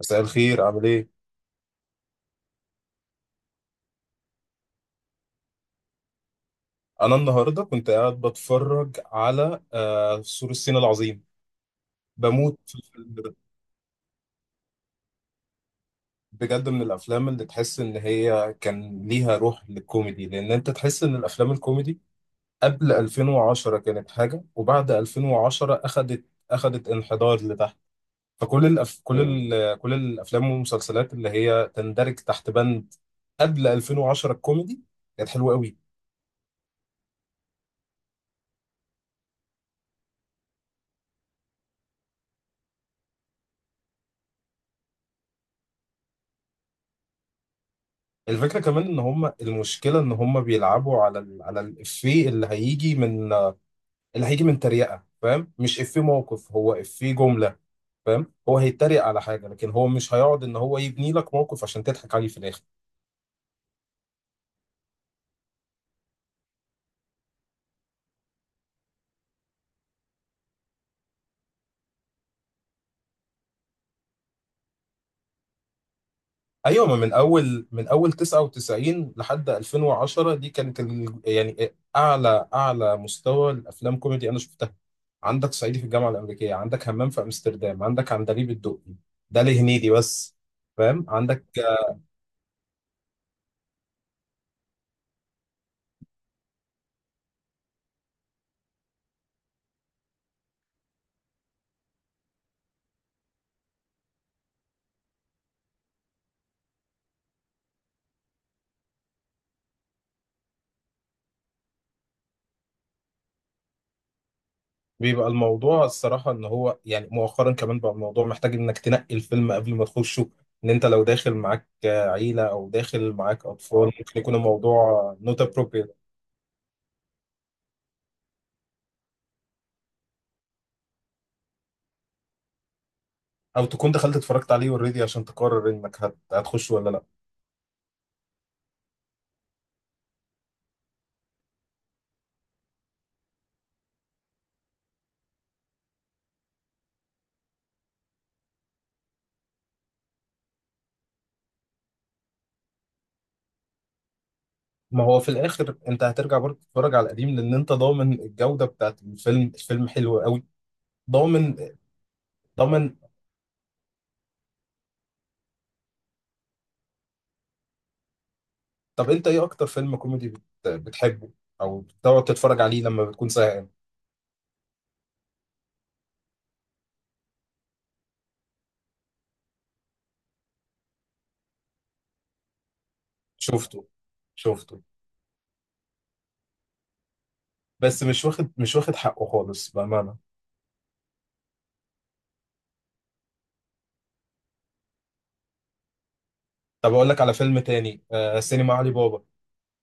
مساء الخير عامل ايه؟ أنا النهاردة كنت قاعد بتفرج على سور الصين العظيم. بموت في الفيلم ده. بجد، من الأفلام اللي تحس إن هي كان ليها روح للكوميدي، لأن أنت تحس إن الأفلام الكوميدي قبل 2010 كانت حاجة، وبعد 2010 أخدت انحدار لتحت. فكل الأف... مم. كل ال... كل الأفلام والمسلسلات اللي هي تندرج تحت بند قبل 2010 الكوميدي كانت حلوة قوي. الفكرة كمان ان هم، المشكلة ان هم بيلعبوا على على الافيه اللي هيجي من تريقة. فاهم؟ مش افيه موقف، هو افيه جملة. فاهم؟ هو هيتريق على حاجة، لكن هو مش هيقعد ان هو يبني لك موقف عشان تضحك عليه في الاخر. ايوه، ما من اول 99 لحد 2010 دي كانت يعني اعلى مستوى الافلام كوميدي انا شفتها. عندك صعيدي في الجامعة الامريكية، عندك همام في امستردام، عندك عندليب الدقي. ده لهنيدي بس. فاهم؟ عندك. بيبقى الموضوع الصراحة إن هو يعني مؤخرا كمان بقى الموضوع محتاج إنك تنقي الفيلم قبل ما تخشه. إن أنت لو داخل معاك عيلة أو داخل معاك أطفال ممكن يكون الموضوع not appropriate. أو تكون دخلت اتفرجت عليه already عشان تقرر إنك هتخش ولا لأ. ما هو في الآخر أنت هترجع برضه تتفرج على القديم، لأن أنت ضامن الجودة بتاعت الفيلم، الفيلم حلو قوي. ضامن. ضامن. طب أنت إيه أكتر فيلم كوميدي بتحبه أو بتقعد تتفرج عليه لما بتكون زهقان؟ شفته. شفته. بس مش واخد حقه خالص بأمانة. طب أقول لك على فيلم تاني، سينما علي بابا،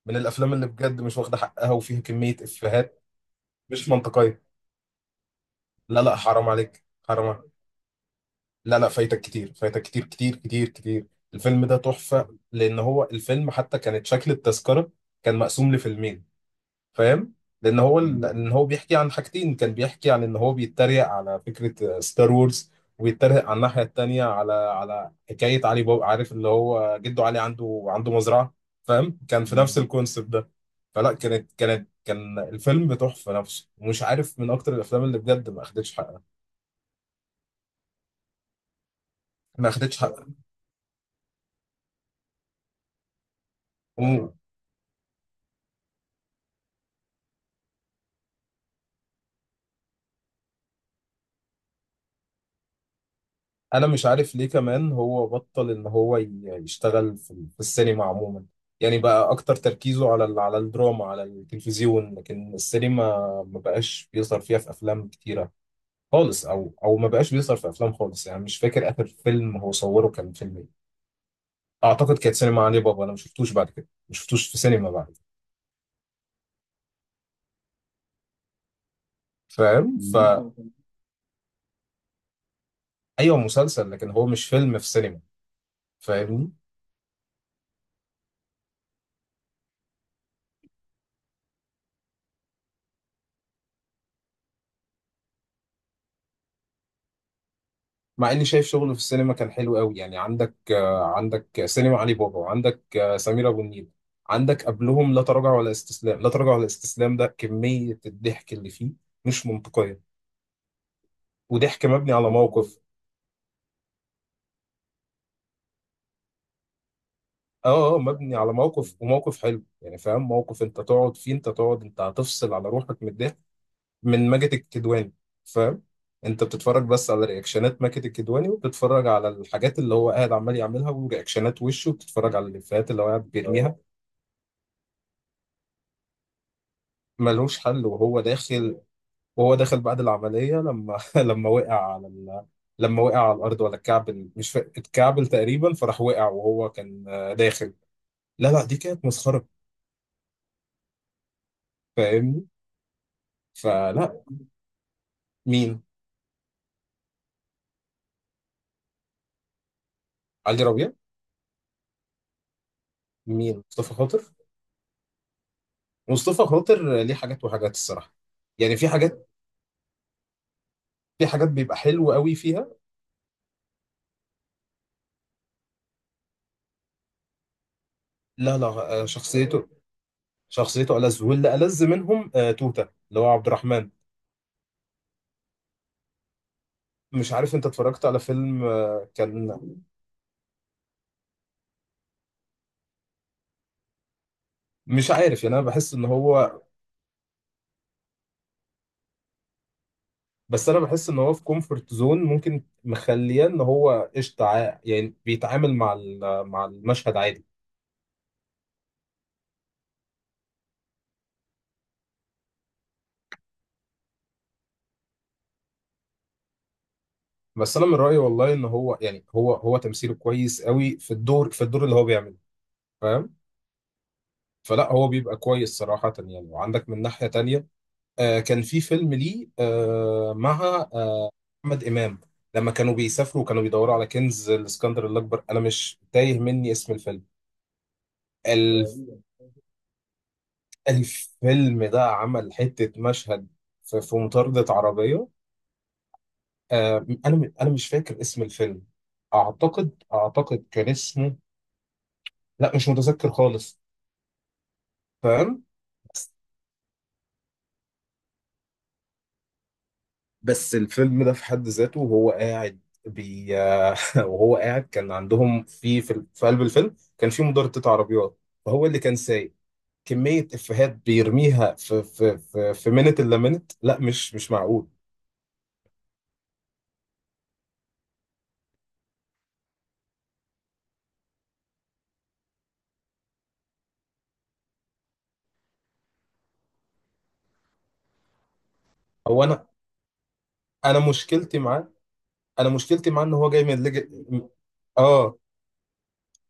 من الأفلام اللي بجد مش واخدة حقها وفيها كمية إفيهات مش منطقية. لا، لا، حرام عليك. حرام عليك. لا، لا، فايتك كتير كتير كتير كتير. الفيلم ده تحفة. لأن هو الفيلم حتى كانت شكل التذكرة كان مقسوم لفيلمين. فاهم؟ لان هو بيحكي عن حاجتين. كان بيحكي عن ان هو بيتريق على فكره ستار وورز، ويتريق على الناحيه التانيه على حكايه علي بابا. عارف اللي هو جده علي عنده مزرعه. فاهم؟ كان في نفس الكونسيبت ده. فلا، كان الفيلم تحفه نفسه، ومش عارف، من اكتر الافلام اللي بجد ما اخدتش حقها. ما اخدتش حقها. انا مش عارف ليه كمان هو بطل ان هو يشتغل في في السينما عموما. يعني بقى اكتر تركيزه على على الدراما، على التلفزيون، لكن السينما ما بقاش بيظهر فيها في افلام كتيره خالص. او ما بقاش بيظهر في افلام خالص. يعني مش فاكر اخر فيلم هو صوره كان فيلم ايه. اعتقد كانت سينما علي بابا. انا ما شفتوش بعد كده، ما شفتوش في سينما بعد كده. فاهم؟ مم. فايوه، مسلسل، لكن هو مش فيلم في سينما. فاهمني؟ مع اني شايف شغله في السينما كان حلو قوي يعني. عندك سينما علي بابا، وعندك سمير ابو النيل. عندك قبلهم لا تراجع ولا استسلام. لا تراجع ولا استسلام، ده كمية الضحك اللي فيه مش منطقية، وضحك مبني على موقف. اه، اه، مبني على موقف، وموقف حلو يعني. فاهم؟ موقف انت تقعد فيه. انت هتفصل على روحك من الضحك من ماجد الكدواني. فاهم؟ انت بتتفرج بس على رياكشنات ماجد الكدواني، وبتتفرج على الحاجات اللي هو قاعد عمال يعملها ورياكشنات وشه، وبتتفرج على الافيهات اللي هو قاعد بيرميها. ملوش حل. وهو داخل، وهو داخل بعد العملية، لما لما وقع على الأرض، ولا اتكعبل. مش فا... اتكعبل تقريبا، فراح وقع وهو كان داخل. لا، لا، دي كانت مسخرة. فاهمني؟ فلا. مين؟ علي ربيع. مين؟ مصطفى خاطر. مصطفى خاطر ليه حاجات وحاجات الصراحة. يعني في حاجات، بيبقى حلو قوي فيها. لا، لا، شخصيته. شخصيته ألذ، واللي ألذ منهم توتة اللي هو عبد الرحمن. مش عارف انت اتفرجت على فيلم كان. مش عارف، يعني انا بحس ان هو. بس انا بحس ان هو في كومفورت زون ممكن مخليه ان هو قشطه، يعني بيتعامل مع مع المشهد عادي. بس انا من رايي والله ان هو، يعني هو تمثيله كويس قوي في الدور اللي هو بيعمله. فاهم؟ فلا هو بيبقى كويس صراحه يعني، وعندك من ناحيه تانية كان في فيلم ليه، مع احمد امام، لما كانوا بيسافروا وكانوا بيدوروا على كنز الاسكندر الاكبر. انا مش تايه مني اسم الفيلم. الفيلم ده عمل حتة مشهد في مطاردة عربية. أنا مش فاكر اسم الفيلم. أعتقد كان اسمه، لا مش متذكر خالص. فاهم؟ بس الفيلم ده في حد ذاته، وهو قاعد بي وهو قاعد كان عندهم في قلب الفيلم، كان في مضاربة عربيات، فهو اللي كان سايق. كمية إفيهات بيرميها في منت إلا منت، لا، مش معقول. أنا. أنا مشكلتي معاه. انا مشكلتي معاه ان هو جاي من ليج... اه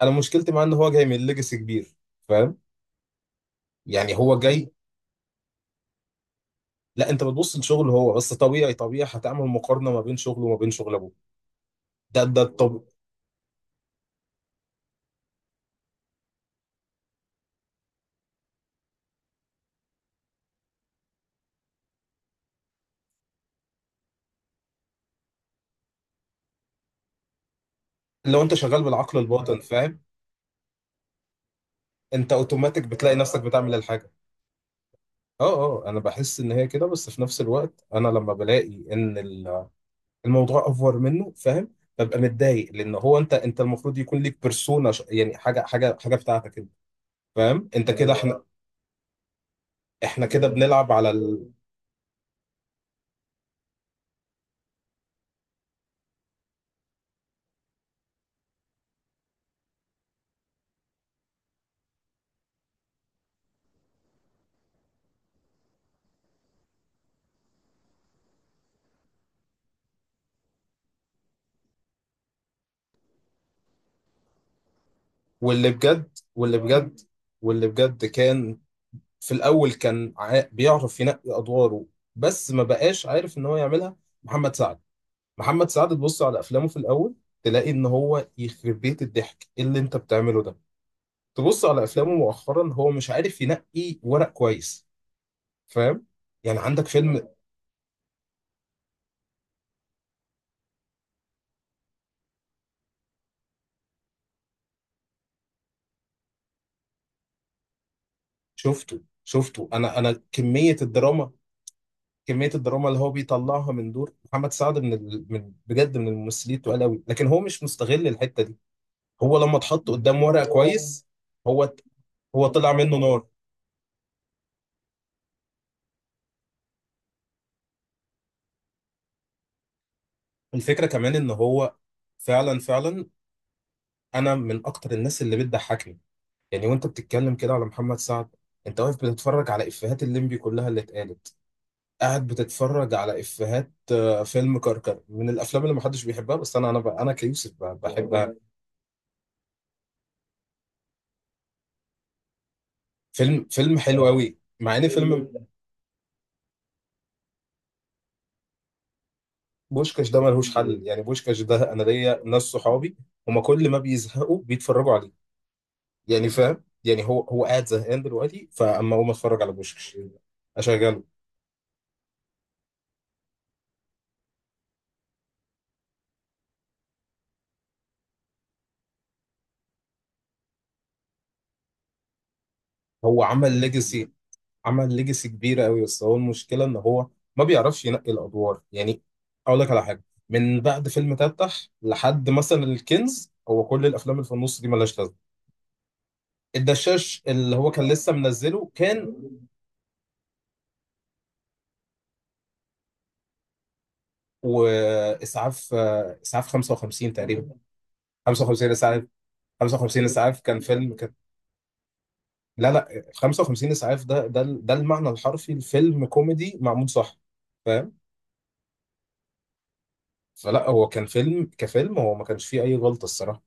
انا مشكلتي معاه ان هو جاي من ليجاسي كبير. فاهم؟ يعني هو جاي لا، انت بتبص لشغله هو بس. طبيعي هتعمل مقارنه ما بين شغله وما بين شغل ابوه. ده ده طب لو انت شغال بالعقل الباطن. فاهم؟ انت اوتوماتيك بتلاقي نفسك بتعمل الحاجه. اه، اه، انا بحس ان هي كده، بس في نفس الوقت انا لما بلاقي ان الموضوع افور منه. فاهم؟ ببقى متضايق، لان هو انت المفروض يكون ليك بيرسونا، يعني حاجه بتاعتك انت. فاهم؟ انت كده احنا، كده بنلعب على واللي بجد واللي بجد واللي بجد كان في الاول كان بيعرف ينقي ادواره، بس ما بقاش عارف ان هو يعملها. محمد سعد. محمد سعد، تبص على افلامه في الاول تلاقي ان هو يخرب بيت الضحك. إيه اللي انت بتعمله ده؟ تبص على افلامه مؤخرا، هو مش عارف ينقي ورق كويس. فاهم؟ يعني عندك فيلم. شفته. شفته. انا انا كمية الدراما كميه الدراما اللي هو بيطلعها من دور محمد سعد، من بجد من الممثلين التقال قوي، لكن هو مش مستغل الحته دي. هو لما اتحط قدام ورقه، هو كويس. هو هو طلع منه نار. الفكره كمان ان هو. فعلا، فعلا، انا من اكتر الناس اللي بتضحكني. يعني وانت بتتكلم كده على محمد سعد، انت واقف بتتفرج على افيهات الليمبي كلها اللي اتقالت، قاعد بتتفرج على افيهات فيلم كركر، من الافلام اللي محدش بيحبها، بس انا كيوسف بحبها. فيلم حلو قوي، مع ان فيلم بوشكاش ده ملهوش حل يعني. بوشكاش ده انا ليا ناس صحابي، هما كل ما بيزهقوا بيتفرجوا عليه. يعني فاهم يعني؟ هو قاعد زهقان دلوقتي، فاما اقوم اتفرج على بوشكاش، اشغله. هو عمل ليجاسي عمل ليجاسي كبيره قوي، بس هو المشكله ان هو ما بيعرفش ينقي الادوار يعني. اقول لك على حاجه، من بعد فيلم تفتح لحد مثلا الكنز، هو كل الافلام اللي في النص دي ملهاش لازمه. الدشاش اللي هو كان لسه منزله كان، واسعاف آه، اسعاف 55 تقريبا. 55 اسعاف. 55 اسعاف كان فيلم كان. لا، لا، 55 اسعاف ده، ده المعنى الحرفي لفيلم كوميدي معمول صح. فاهم؟ فلا هو كان فيلم كفيلم هو ما كانش فيه اي غلطه الصراحه.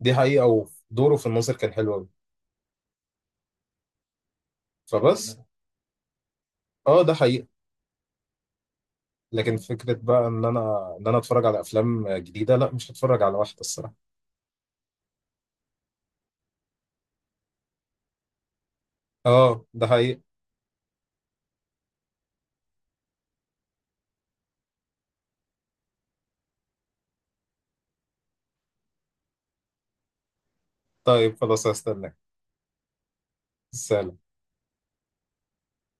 دي حقيقه، ودوره في الناظر كان حلو قوي. فبس. اه ده حقيقه. لكن فكره بقى ان انا اتفرج على افلام جديده، لا مش هتفرج على واحده الصراحه. اه ده حقيقه. طيب، خلاص، هستناك. سلام.